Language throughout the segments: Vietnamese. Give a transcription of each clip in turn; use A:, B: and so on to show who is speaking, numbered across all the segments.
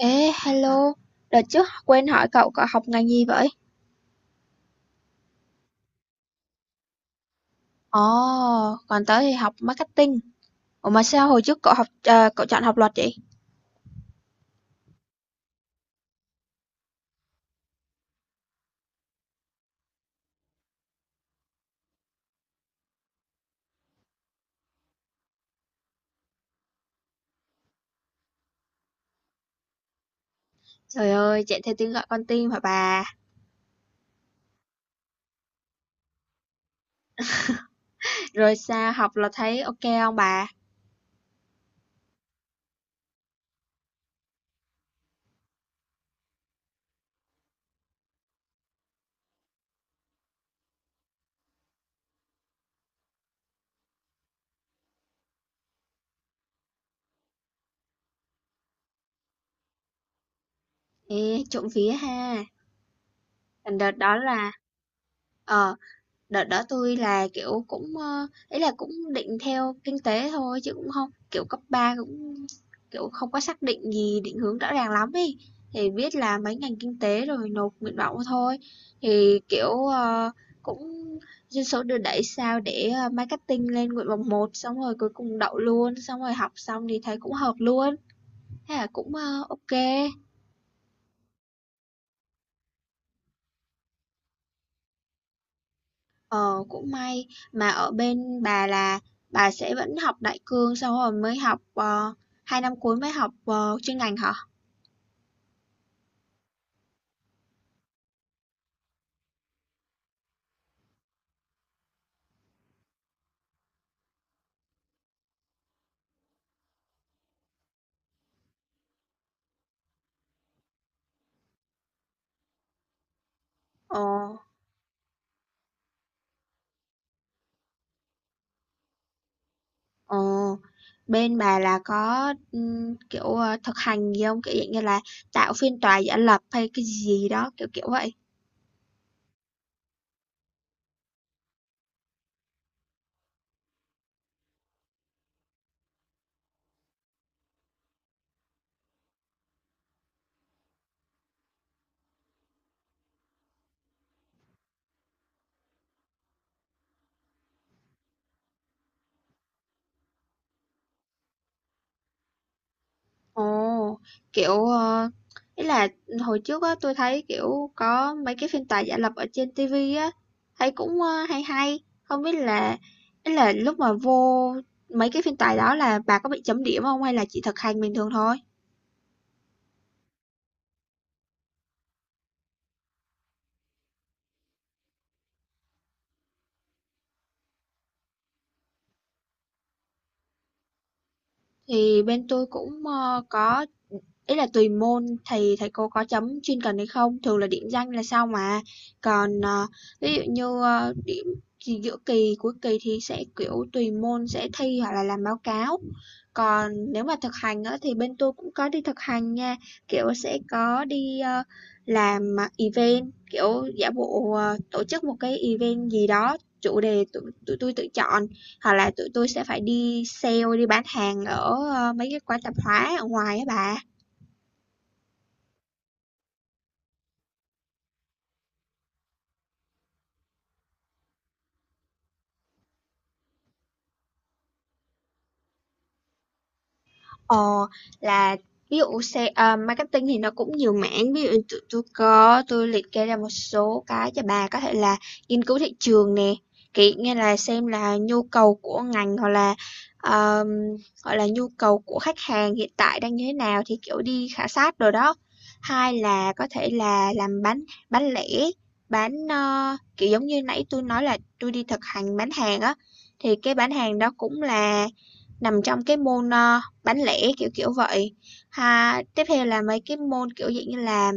A: Ê, hello, đợt trước quên hỏi cậu cậu học ngành gì vậy? Ồ, còn tớ thì học marketing. Ủa mà sao hồi trước cậu học cậu chọn học luật vậy? Trời ơi, chạy theo tiếng gọi con tim hả bà? Rồi sao học là thấy ok không bà? Ê, trộm vía ha. Còn đợt đó là ờ đợt đó tôi là, kiểu, cũng, ý là cũng định theo kinh tế thôi chứ cũng không kiểu, cấp 3 cũng, kiểu, không có xác định gì định hướng rõ ràng lắm ấy, thì biết là mấy ngành kinh tế rồi nộp nguyện vọng thôi. Thì, kiểu, cũng dân số đưa đẩy sao để, marketing lên nguyện vọng một xong rồi cuối cùng đậu luôn, xong rồi học xong thì thấy cũng hợp luôn, thế là cũng, ơ, ô Ờ, cũng may mà ở bên bà là bà sẽ vẫn học đại cương sau rồi mới học hai năm cuối mới học chuyên ngành hả? Ờ, ờ. Bên bà là có kiểu thực hành gì không? Kiểu dạng như là tạo phiên tòa giả lập hay cái gì đó kiểu kiểu vậy. Ồ, kiểu, ý là hồi trước á tôi thấy, kiểu, có mấy cái phiên tòa giả lập ở trên ti vi á, thấy cũng, hay hay, không biết là ý là lúc mà vô mấy cái phiên tòa đó là bà có bị chấm điểm không hay là chỉ thực hành bình thường thôi? Thì bên tôi cũng, có ý là tùy môn thì thầy cô có chấm chuyên cần hay không, thường là điểm danh là sao mà. Còn, ví dụ như, điểm gì giữa kỳ, cuối kỳ thì sẽ, kiểu, tùy môn sẽ thi hoặc là làm báo cáo. Còn nếu mà thực hành á thì bên tôi cũng có đi thực hành nha, kiểu, sẽ có đi, làm, à, event, kiểu, giả bộ, tổ chức một cái event gì đó, chủ đề tụi tụi tôi tự chọn, hoặc là tụi tôi sẽ phải đi sale, đi bán hàng ở, mấy cái quán tạp hóa ở ngoài á bà. Ờ, là ví dụ sale à, marketing thì nó cũng nhiều mảng, ví dụ như tụi tôi có tôi liệt kê ra một số cái cho bà có thể là nghiên cứu thị trường nè, kiểu như là xem là nhu cầu của ngành hoặc là um, gọi là nhu cầu của khách hàng hiện tại đang như thế nào thì kiểu đi khảo sát rồi đó. Hai là có thể là làm bán lẻ, bán kiểu giống như nãy tôi nói là tôi đi thực hành bán hàng á, thì cái bán hàng đó cũng là nằm trong cái môn bán lẻ, kiểu, kiểu vậy. Ha, tiếp theo là mấy cái môn, kiểu, dạng như là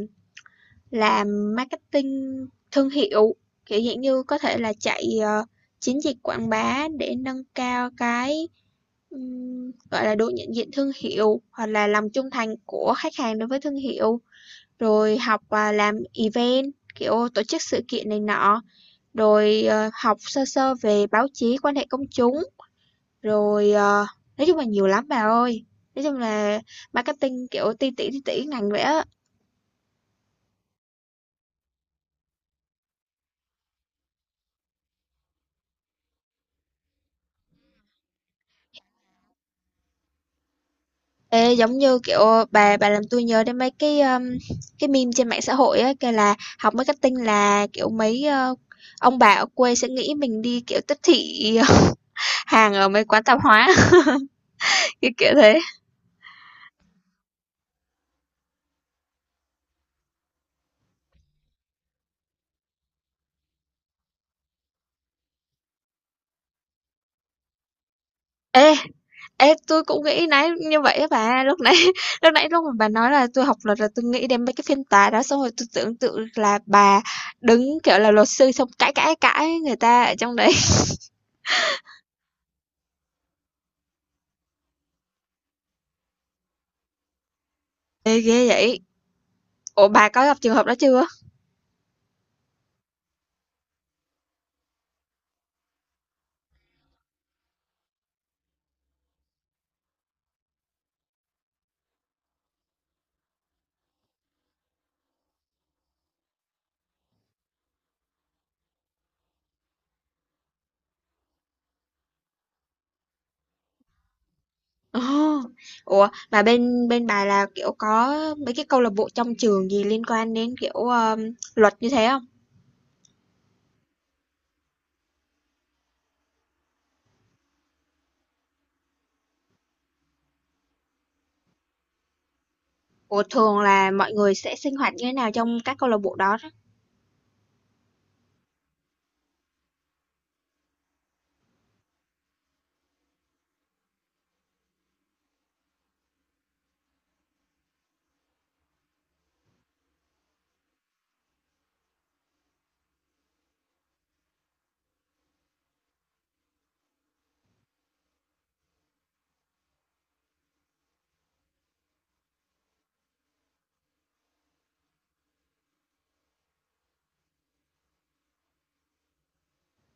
A: làm marketing thương hiệu, kiểu, dạng như có thể là chạy, chiến dịch quảng bá để nâng cao cái, gọi là, độ nhận diện thương hiệu hoặc là lòng trung thành của khách hàng đối với thương hiệu, rồi học, à, làm event, kiểu, tổ chức sự kiện này nọ, rồi, học sơ sơ về báo chí, quan hệ công chúng. Rồi, nói chung là nhiều lắm bà ơi. Nói chung là marketing kiểu ti tỉ ngành vậy á. Ê, giống như kiểu bà làm tôi nhớ đến mấy cái meme trên mạng xã hội á kêu là học marketing là kiểu mấy ông bà ở quê sẽ nghĩ mình đi kiểu tiếp thị hàng ở mấy quán tạp hóa cái kiểu thế. Ê, Ê, tôi cũng nghĩ nãy như vậy á bà, lúc nãy lúc nãy lúc mà bà nói là tôi học luật là tôi nghĩ đến mấy cái phiên tòa đó, xong rồi tôi tưởng tượng là bà đứng kiểu là luật sư xong cãi cãi cãi người ta ở trong đấy. Ê, ghê vậy. Ủa bà có gặp trường hợp đó chưa? Ồ, ủa mà bên bên bà là kiểu có mấy cái câu lạc bộ trong trường gì liên quan đến kiểu luật như thế không? Ủa thường là mọi người sẽ sinh hoạt như thế nào trong các câu lạc bộ đó?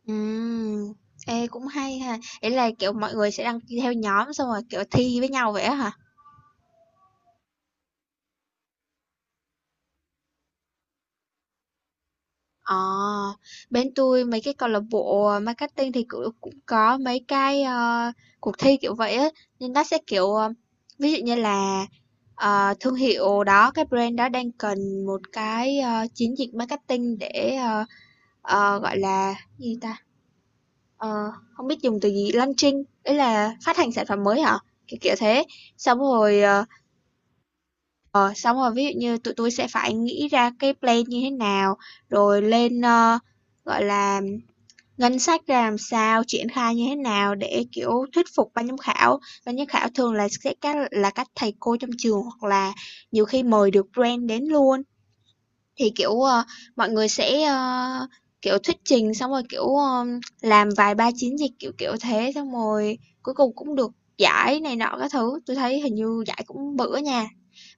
A: Ừm, ê, cũng hay ha. Ý là, kiểu, mọi người sẽ đăng ký theo nhóm xong rồi, kiểu, thi với nhau vậy á hả? Ờ, bên tôi mấy cái câu lạc bộ marketing thì cũng cũng có mấy cái cuộc thi kiểu vậy á, nhưng nó sẽ kiểu ví dụ như là thương hiệu đó, cái brand đó đang cần một cái chiến dịch marketing để gọi là gì ta? Ờ, không biết dùng từ gì, launching, ý là phát hành sản phẩm mới hả? Kiểu kiểu thế. Xong rồi ờ, xong rồi ví dụ như tụi tôi sẽ phải nghĩ ra cái plan như thế nào, rồi lên gọi là ngân sách ra làm sao, triển khai như thế nào để kiểu thuyết phục ban giám khảo. Ban giám khảo thường là sẽ các thầy cô trong trường hoặc là nhiều khi mời được brand đến luôn. Thì kiểu mọi người sẽ kiểu thuyết trình xong rồi kiểu làm vài ba chiến dịch kiểu kiểu thế xong rồi cuối cùng cũng được giải này nọ các thứ. Tôi thấy hình như giải cũng bự á nha.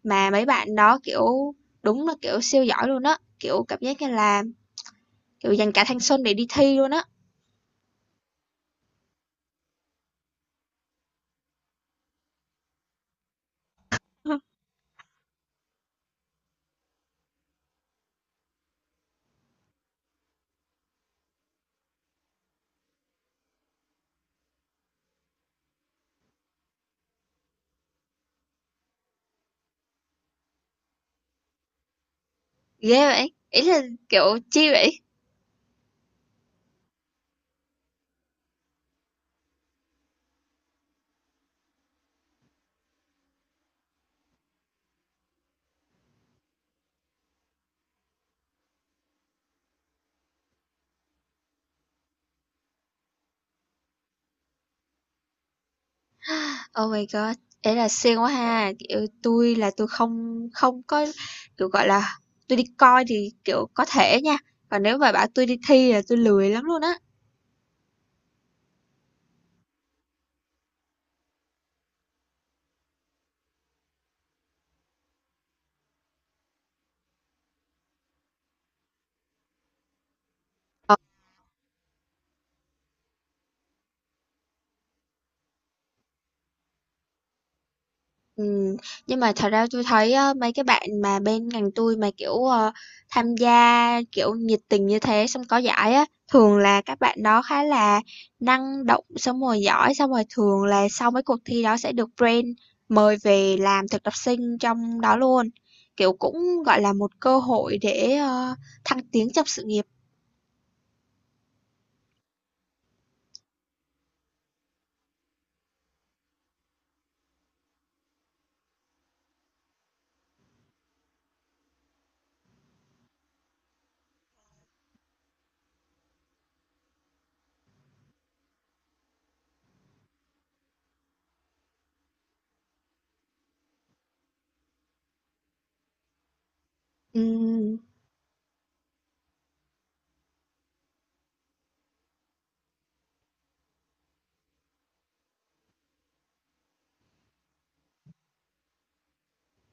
A: Mà mấy bạn đó, kiểu, đúng là, kiểu, siêu giỏi luôn á, kiểu, cảm giác như là, kiểu, dành cả thanh xuân để đi thi luôn á. Ghê vậy, ý là, kiểu, chi vậy? Oh my god, ý là siêng quá ha, kiểu, tôi là tôi không không có, kiểu, gọi là, tôi đi coi thì, kiểu, có thể nha, còn nếu mà bảo tôi đi thi là tôi lười lắm luôn á. Ừm, nhưng mà thật ra tôi thấy á, mấy cái bạn mà bên ngành tôi mà, kiểu, tham gia, kiểu, nhiệt tình như thế xong có giải á, thường là các bạn đó khá là năng động, xong rồi giỏi, xong rồi thường là sau mấy cuộc thi đó sẽ được brand mời về làm thực tập sinh trong đó luôn. Kiểu cũng gọi là một cơ hội để thăng tiến trong sự nghiệp. Ừm,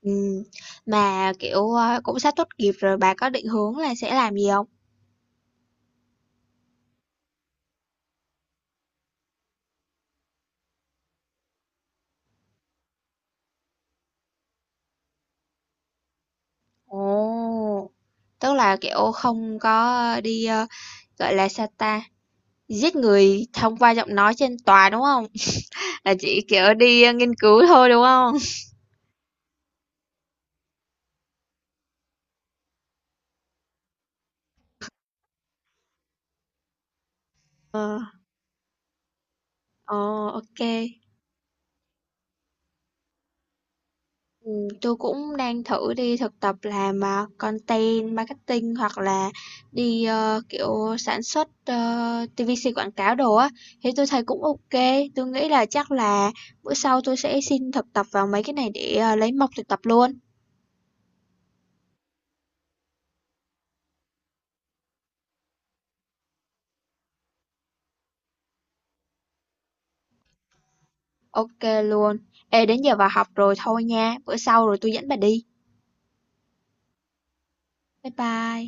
A: ừm. Mà kiểu cũng sắp tốt nghiệp rồi bà có định hướng là sẽ làm gì không? Ồ, tức là, kiểu, không có đi, gọi là, sao ta, giết người thông qua giọng nói trên tòa, đúng không? Là chỉ, kiểu, đi, nghiên cứu thôi, đúng không? Ờ, ồ, ô kê. Ừm, cũng đang thử đi thực tập làm, à, content marketing hoặc là đi, kiểu, sản xuất, TVC quảng cáo đồ á, thì tôi thấy cũng ok tôi nghĩ là chắc là bữa sau tôi sẽ xin thực tập vào mấy cái này để, lấy mộc thực tập luôn. Ok luôn, ê đến giờ vào học rồi thôi nha, bữa sau rồi tôi dẫn bà đi, bye bye